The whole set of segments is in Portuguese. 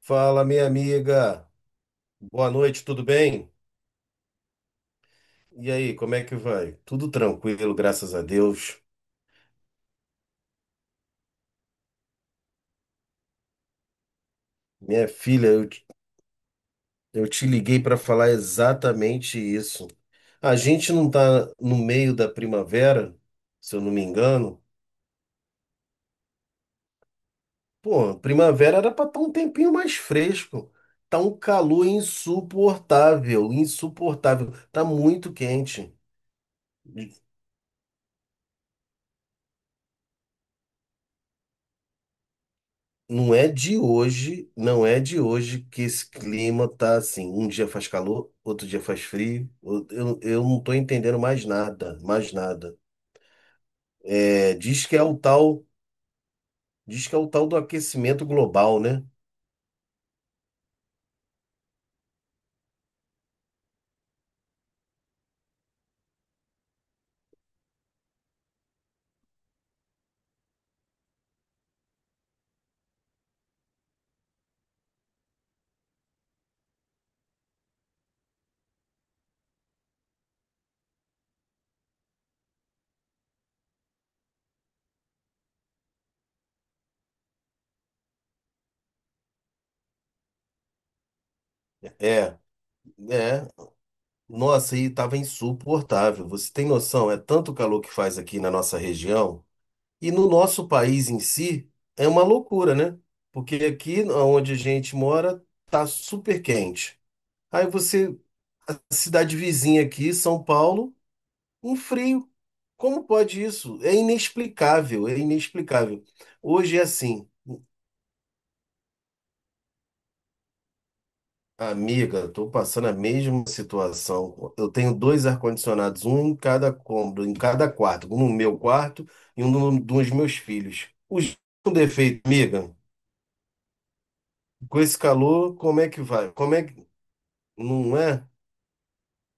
Fala, minha amiga. Boa noite, tudo bem? E aí, como é que vai? Tudo tranquilo, graças a Deus. Minha filha, eu te liguei para falar exatamente isso. A gente não tá no meio da primavera, se eu não me engano. Pô, primavera era para estar um tempinho mais fresco. Tá um calor insuportável, insuportável. Tá muito quente. Não é de hoje, não é de hoje que esse clima tá assim. Um dia faz calor, outro dia faz frio. Eu não tô entendendo mais nada, mais nada. É, diz que é o tal do aquecimento global, né? É, é. Nossa, e tava insuportável. Você tem noção? É tanto calor que faz aqui na nossa região e no nosso país em si é uma loucura, né? Porque aqui onde a gente mora tá super quente. Aí você cidade vizinha aqui, São Paulo, um frio. Como pode isso? É inexplicável, é inexplicável. Hoje é assim, amiga, estou passando a mesma situação. Eu tenho dois ar-condicionados, um em cada cômodo, em cada quarto, um no meu quarto e um no- dos meus filhos. Os com defeito, amiga, com esse calor, como é que vai? Como é que não é?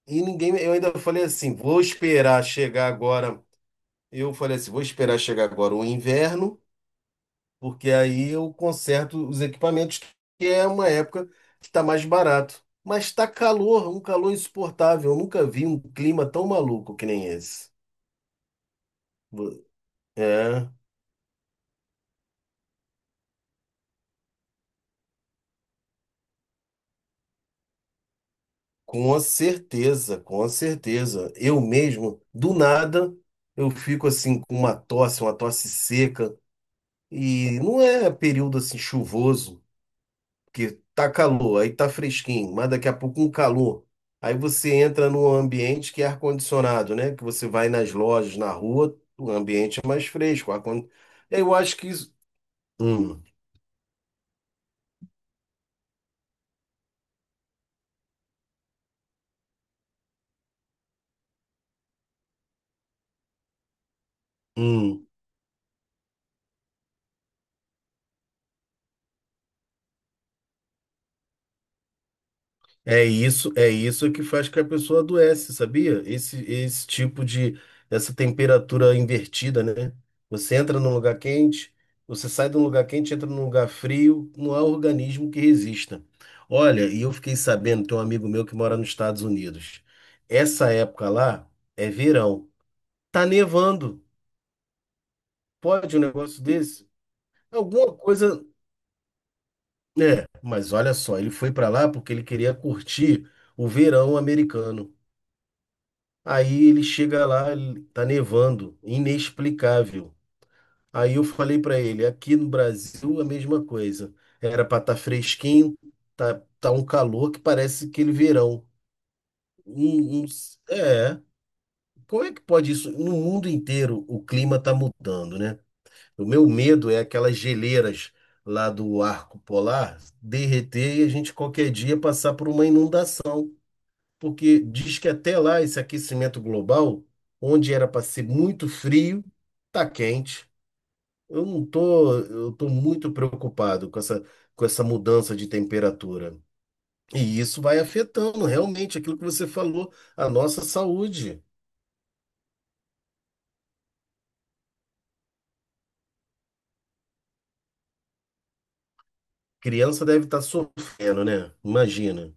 E ninguém, eu ainda falei assim, vou esperar chegar agora. Eu falei assim, vou esperar chegar agora o inverno. Porque aí eu conserto os equipamentos, que é uma época que está mais barato. Mas está calor, um calor insuportável. Eu nunca vi um clima tão maluco que nem esse. Vo- É, com certeza, com certeza. Eu mesmo, do nada, eu fico assim com uma tosse seca. E não é período assim chuvoso. Que tá calor, aí tá fresquinho, mas daqui a pouco um calor. Aí você entra num ambiente que é ar-condicionado, né? Que você vai nas lojas, na rua, o ambiente é mais fresco. Eu acho que isso. Hum, hum. É isso, é isso que faz que a pessoa adoece, sabia? Essa temperatura invertida, né? Você entra num lugar quente, você sai de um lugar quente, entra num lugar frio, não há organismo que resista. Olha, e eu fiquei sabendo, tem um amigo meu que mora nos Estados Unidos. Essa época lá é verão. Tá nevando. Pode um negócio desse? Alguma coisa, é, mas olha só, ele foi pra lá porque ele queria curtir o verão americano. Aí ele chega lá, tá nevando, inexplicável. Aí eu falei pra ele, aqui no Brasil a mesma coisa. Era pra estar fresquinho, tá, tá um calor que parece aquele verão. Um- um- é, como é que pode isso? No mundo inteiro o clima tá mudando, né? O meu medo é aquelas geleiras lá do arco polar derreter e a gente qualquer dia passar por uma inundação. Porque diz que até lá esse aquecimento global, onde era para ser muito frio, tá quente. Eu não tô, eu tô muito preocupado com com essa mudança de temperatura. E isso vai afetando realmente aquilo que você falou, a nossa saúde. Criança deve estar sofrendo, né? Imagina.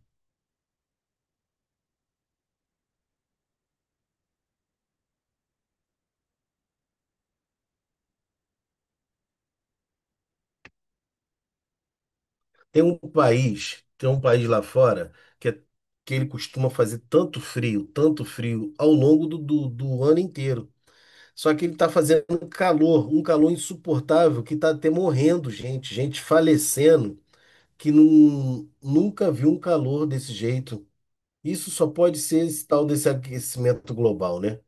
Tem um país lá fora que, é- que ele costuma fazer tanto frio ao longo do ano inteiro. Só que ele está fazendo um calor insuportável, que está até morrendo gente, gente falecendo, que não, nunca viu um calor desse jeito. Isso só pode ser esse tal desse aquecimento global, né?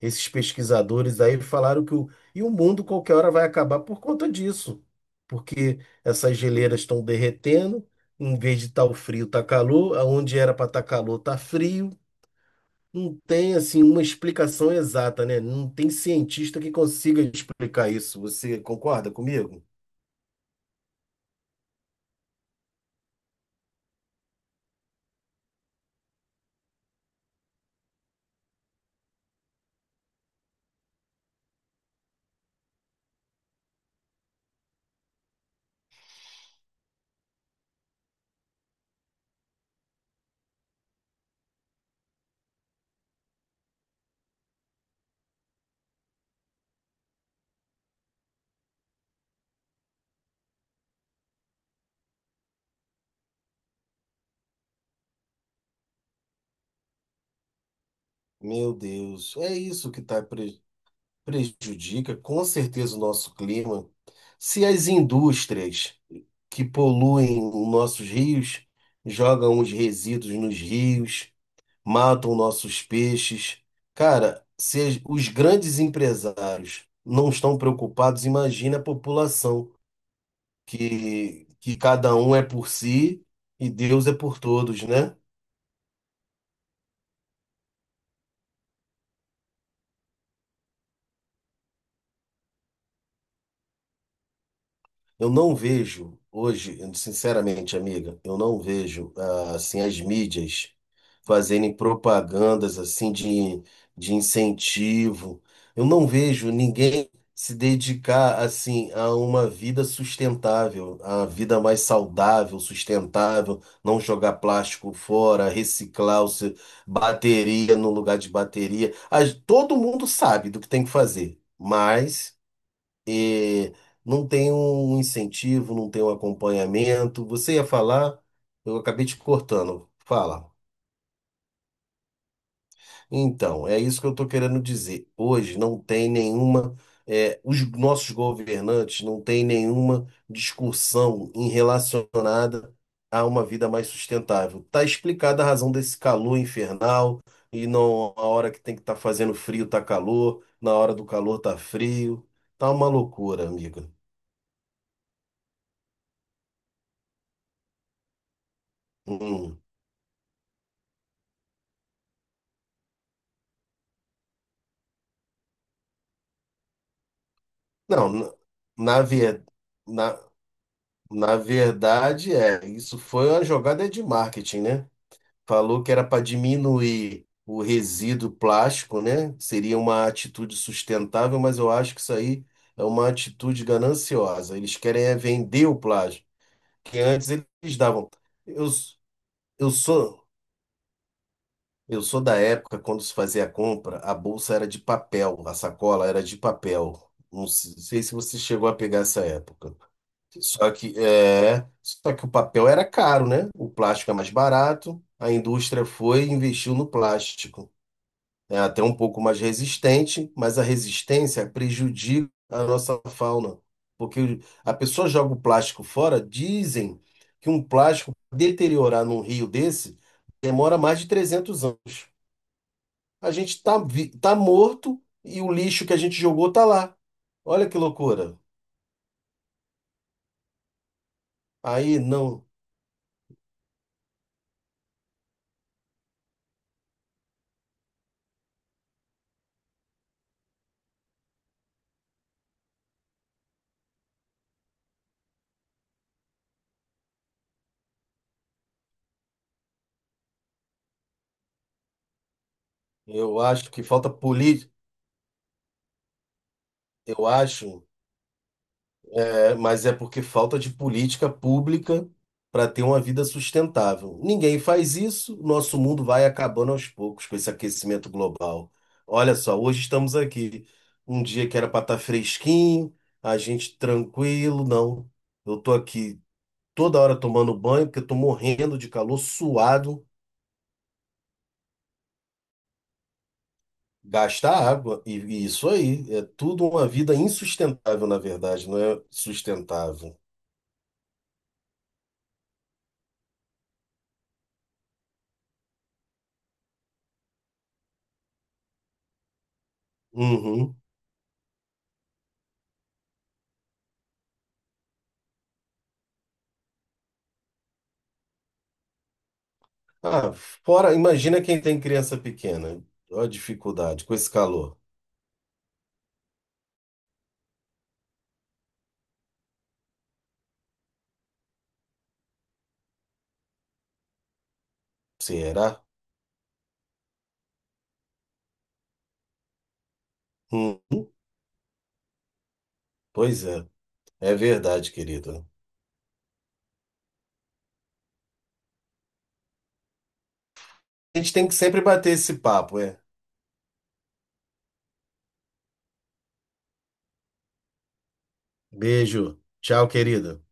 Esses pesquisadores aí falaram que o, e o mundo qualquer hora vai acabar por conta disso, porque essas geleiras estão derretendo, em vez de estar o frio, está calor, aonde era para estar calor, está frio. Não tem assim uma explicação exata, né? Não tem cientista que consiga explicar isso. Você concorda comigo? Meu Deus, é isso que prejudica com certeza o nosso clima. Se as indústrias que poluem os nossos rios jogam os resíduos nos rios, matam nossos peixes, cara, se os grandes empresários não estão preocupados, imagina a população. Que cada um é por si e Deus é por todos, né? Eu não vejo hoje, sinceramente, amiga, eu não vejo ah, assim as mídias fazerem propagandas de incentivo. Eu não vejo ninguém se dedicar assim a uma vida sustentável, a vida mais saudável, sustentável, não jogar plástico fora, reciclar o seu, bateria no lugar de bateria. Todo mundo sabe do que tem que fazer, mas é, não tem um incentivo, não tem um acompanhamento. Você ia falar, eu acabei te cortando. Fala. Então, é isso que eu estou querendo dizer. Hoje não tem os nossos governantes não têm nenhuma discussão em relacionada a uma vida mais sustentável. Está explicada a razão desse calor infernal e não a hora que tem que estar fazendo frio está calor, na hora do calor está frio. Tá uma loucura, amiga. Hum. Não, na, na, ver- na na verdade isso foi uma jogada de marketing, né? Falou que era para diminuir o resíduo plástico, né? Seria uma atitude sustentável, mas eu acho que isso aí é uma atitude gananciosa. Eles querem é vender o plástico, que antes eles davam. Eu, s- eu sou eu sou da época quando se fazia a compra, a bolsa era de papel, a sacola era de papel. Não sei se você chegou a pegar essa época. Só que o papel era caro, né? O plástico é mais barato. A indústria foi e investiu no plástico. É até um pouco mais resistente, mas a resistência prejudica a nossa fauna. Porque a pessoa joga o plástico fora, dizem que um plástico deteriorar num rio desse demora mais de 300 anos. A gente tá morto e o lixo que a gente jogou tá lá. Olha que loucura. Aí não, eu acho que falta política. Eu acho. É, mas é porque falta de política pública para ter uma vida sustentável. Ninguém faz isso, nosso mundo vai acabando aos poucos com esse aquecimento global. Olha só, hoje estamos aqui. Um dia que era para estar fresquinho, a gente tranquilo, não. Eu tô aqui toda hora tomando banho porque eu tô morrendo de calor, suado, gasta água. E isso aí, é tudo uma vida insustentável, na verdade, não é sustentável. Uhum. Ah, fora, imagina quem tem criança pequena. Olha a dificuldade com esse calor. Será? Hum, pois é. É verdade, querido. A gente tem que sempre bater esse papo, é. Beijo. Tchau, querido.